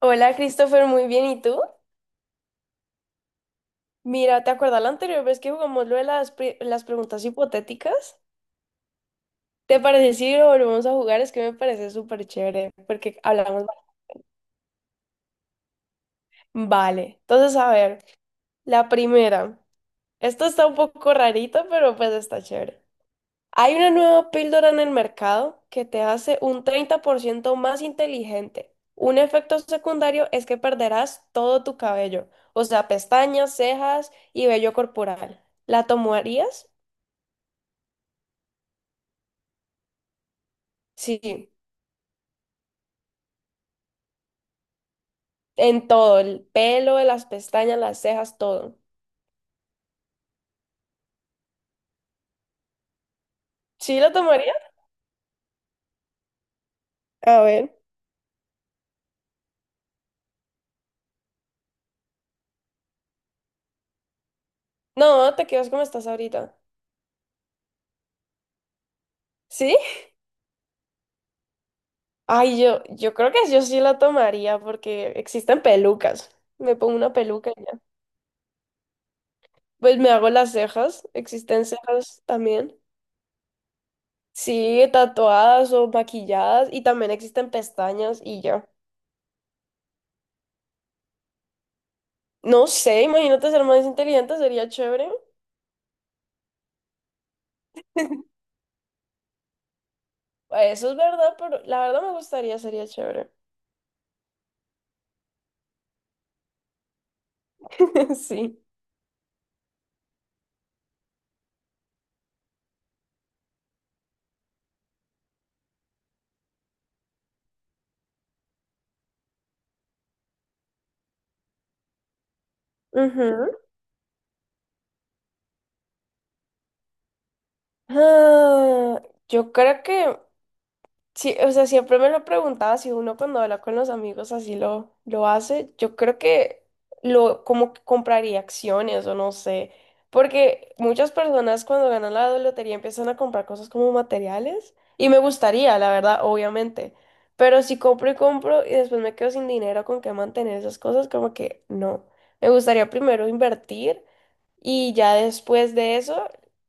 Hola Christopher, muy bien. ¿Y tú? Mira, ¿te acuerdas la anterior vez que jugamos lo de las preguntas hipotéticas? ¿Te parece si lo volvemos a jugar? Es que me parece súper chévere porque hablamos. Vale, entonces a ver, la primera. Esto está un poco rarito, pero pues está chévere. Hay una nueva píldora en el mercado que te hace un 30% más inteligente. Un efecto secundario es que perderás todo tu cabello, o sea, pestañas, cejas y vello corporal. ¿La tomarías? Sí, en todo, el pelo, las pestañas, las cejas, todo. ¿Sí lo tomaría? A ver. No, te quedas como estás ahorita. ¿Sí? Ay, yo creo que yo sí la tomaría porque existen pelucas. Me pongo una peluca y ya. Pues me hago las cejas, existen cejas también. Sí, tatuadas o maquilladas y también existen pestañas y ya. No sé, imagínate ser más inteligente, sería chévere. Eso es verdad, pero la verdad me gustaría, sería chévere. Sí. Ujú. Ah, yo creo que sí. O sea, siempre me lo preguntaba si uno cuando habla con los amigos así lo hace. Yo creo que lo como que compraría acciones o no sé, porque muchas personas cuando ganan la lotería empiezan a comprar cosas como materiales y me gustaría, la verdad, obviamente. Pero si compro y compro y después me quedo sin dinero con qué mantener esas cosas, como que no. Me gustaría primero invertir. Y ya después de eso,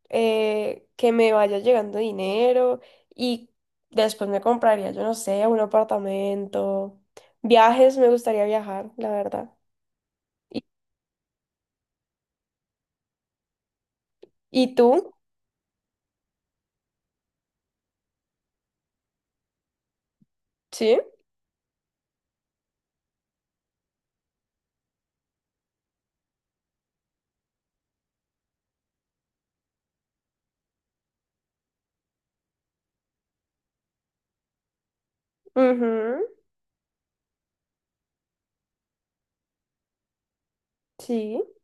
que me vaya llegando dinero. Y después me compraría, yo no sé, un apartamento. Viajes, me gustaría viajar, la verdad. ¿Y, y tú? Sí. Ujú. Sí.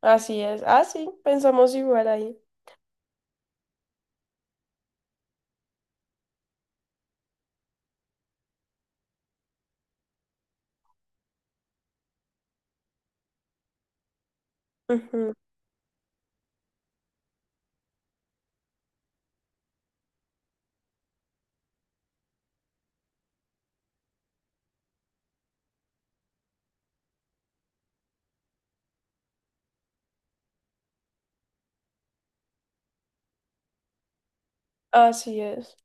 Así es. Ah, sí, pensamos igual ahí. Ujú. Así es.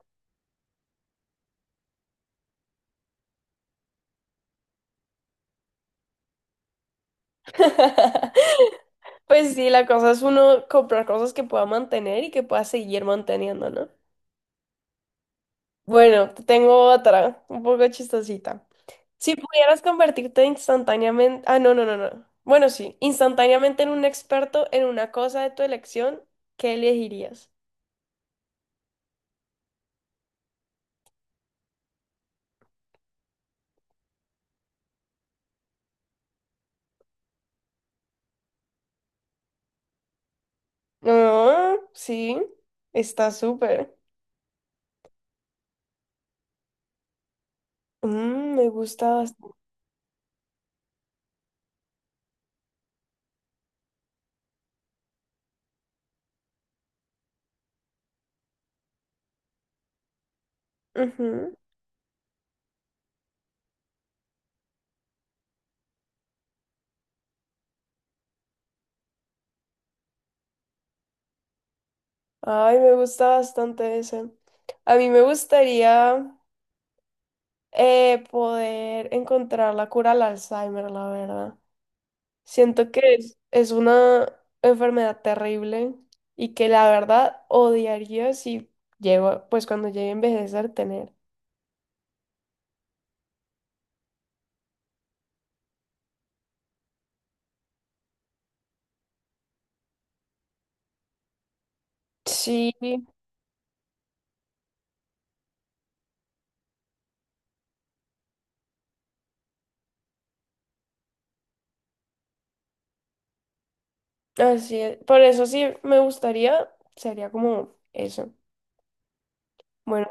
Pues sí, la cosa es uno comprar cosas que pueda mantener y que pueda seguir manteniendo, ¿no? Bueno, te tengo otra, un poco chistosita. Si pudieras convertirte instantáneamente, ah, no. Bueno, sí, instantáneamente en un experto en una cosa de tu elección, ¿qué elegirías? Ah, sí, está súper. Mm, me gusta bastante. Ay, me gusta bastante ese. A mí me gustaría poder encontrar la cura al Alzheimer, la verdad. Siento que es una enfermedad terrible y que la verdad odiaría si llego, pues cuando llegue a envejecer, tener. Sí, así es. Por eso sí me gustaría, sería como eso. Bueno,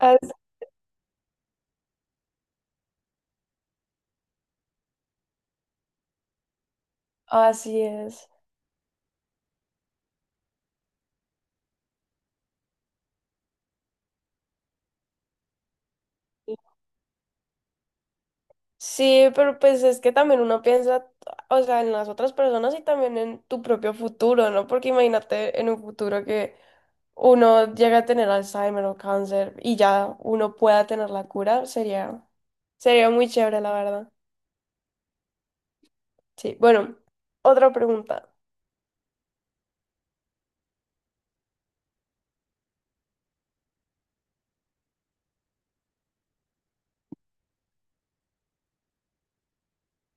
as- así es. Sí, pero pues es que también uno piensa, o sea, en las otras personas y también en tu propio futuro, ¿no? Porque imagínate en un futuro que uno llega a tener Alzheimer o cáncer y ya uno pueda tener la cura, sería, sería muy chévere, la verdad. Sí, bueno, otra pregunta.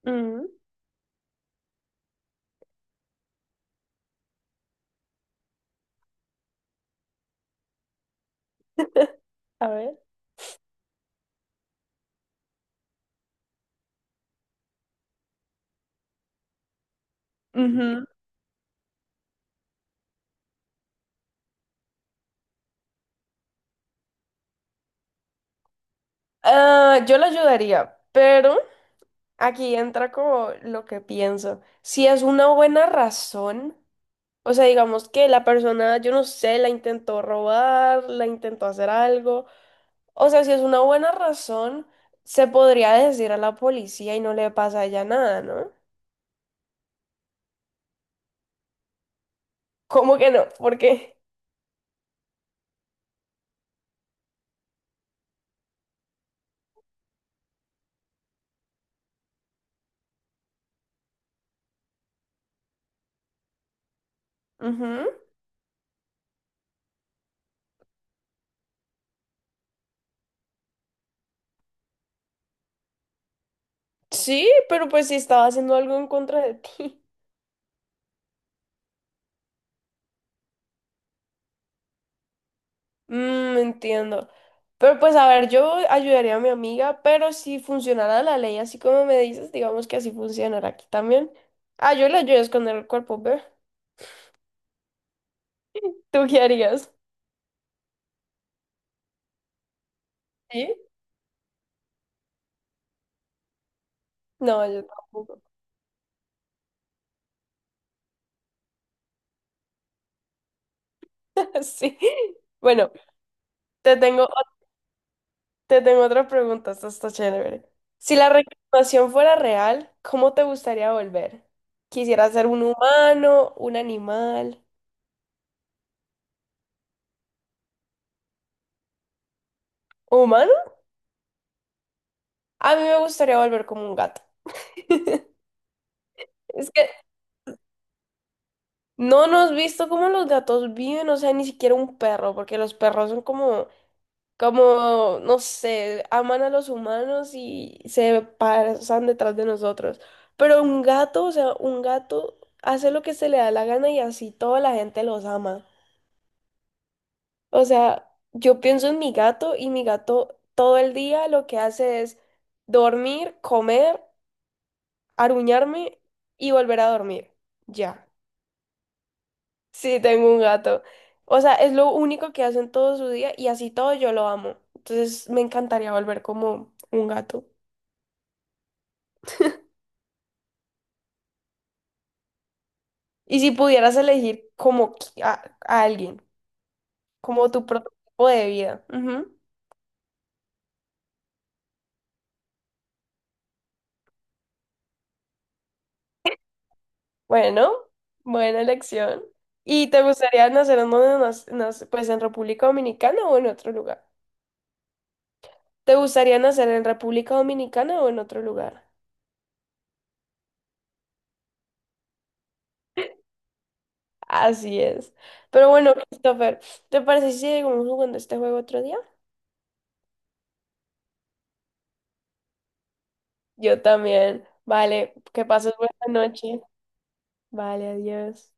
Ujú, a ver. Ujú. Ah, yo la ayudaría, pero aquí entra como lo que pienso. Si es una buena razón, o sea, digamos que la persona, yo no sé, la intentó robar, la intentó hacer algo. O sea, si es una buena razón, se podría decir a la policía y no le pasa a ella nada, ¿no? ¿Cómo que no? ¿Por qué? Ujú. Sí, pero pues si estaba haciendo algo en contra de ti. Mm, entiendo. Pero pues a ver, yo ayudaría a mi amiga, pero si funcionara la ley así como me dices, digamos que así funcionará aquí también. Ah, yo le ayudo a esconder el cuerpo, ¿ve? ¿Tú qué harías? ¿Sí? No, yo tampoco. Sí. Bueno, te tengo Te tengo otra pregunta, esta está chévere. Si la reencarnación fuera real, ¿cómo te gustaría volver? ¿Quisiera ser un humano, un animal? ¿Humano? A mí me gustaría volver como un gato. Es que no nos has visto cómo los gatos viven, o sea, ni siquiera un perro, porque los perros son como no sé, aman a los humanos y se pasan detrás de nosotros. Pero un gato, o sea, un gato hace lo que se le da la gana y así toda la gente los ama. O sea, yo pienso en mi gato y mi gato todo el día lo que hace es dormir, comer, aruñarme y volver a dormir. Ya. Sí, tengo un gato. O sea, es lo único que hace en todo su día y así todo yo lo amo. Entonces me encantaría volver como un gato. Y si pudieras elegir como a alguien, como tu prototipo de vida. Ujú. Bueno, buena elección. ¿Y te gustaría nacer en donde pues en República Dominicana o en otro lugar? ¿Te gustaría nacer en República Dominicana o en otro lugar? Así es. Pero bueno, Christopher, ¿te parece si seguimos jugando este juego otro día? Yo también. Vale, que pases buena noche. Vale, adiós.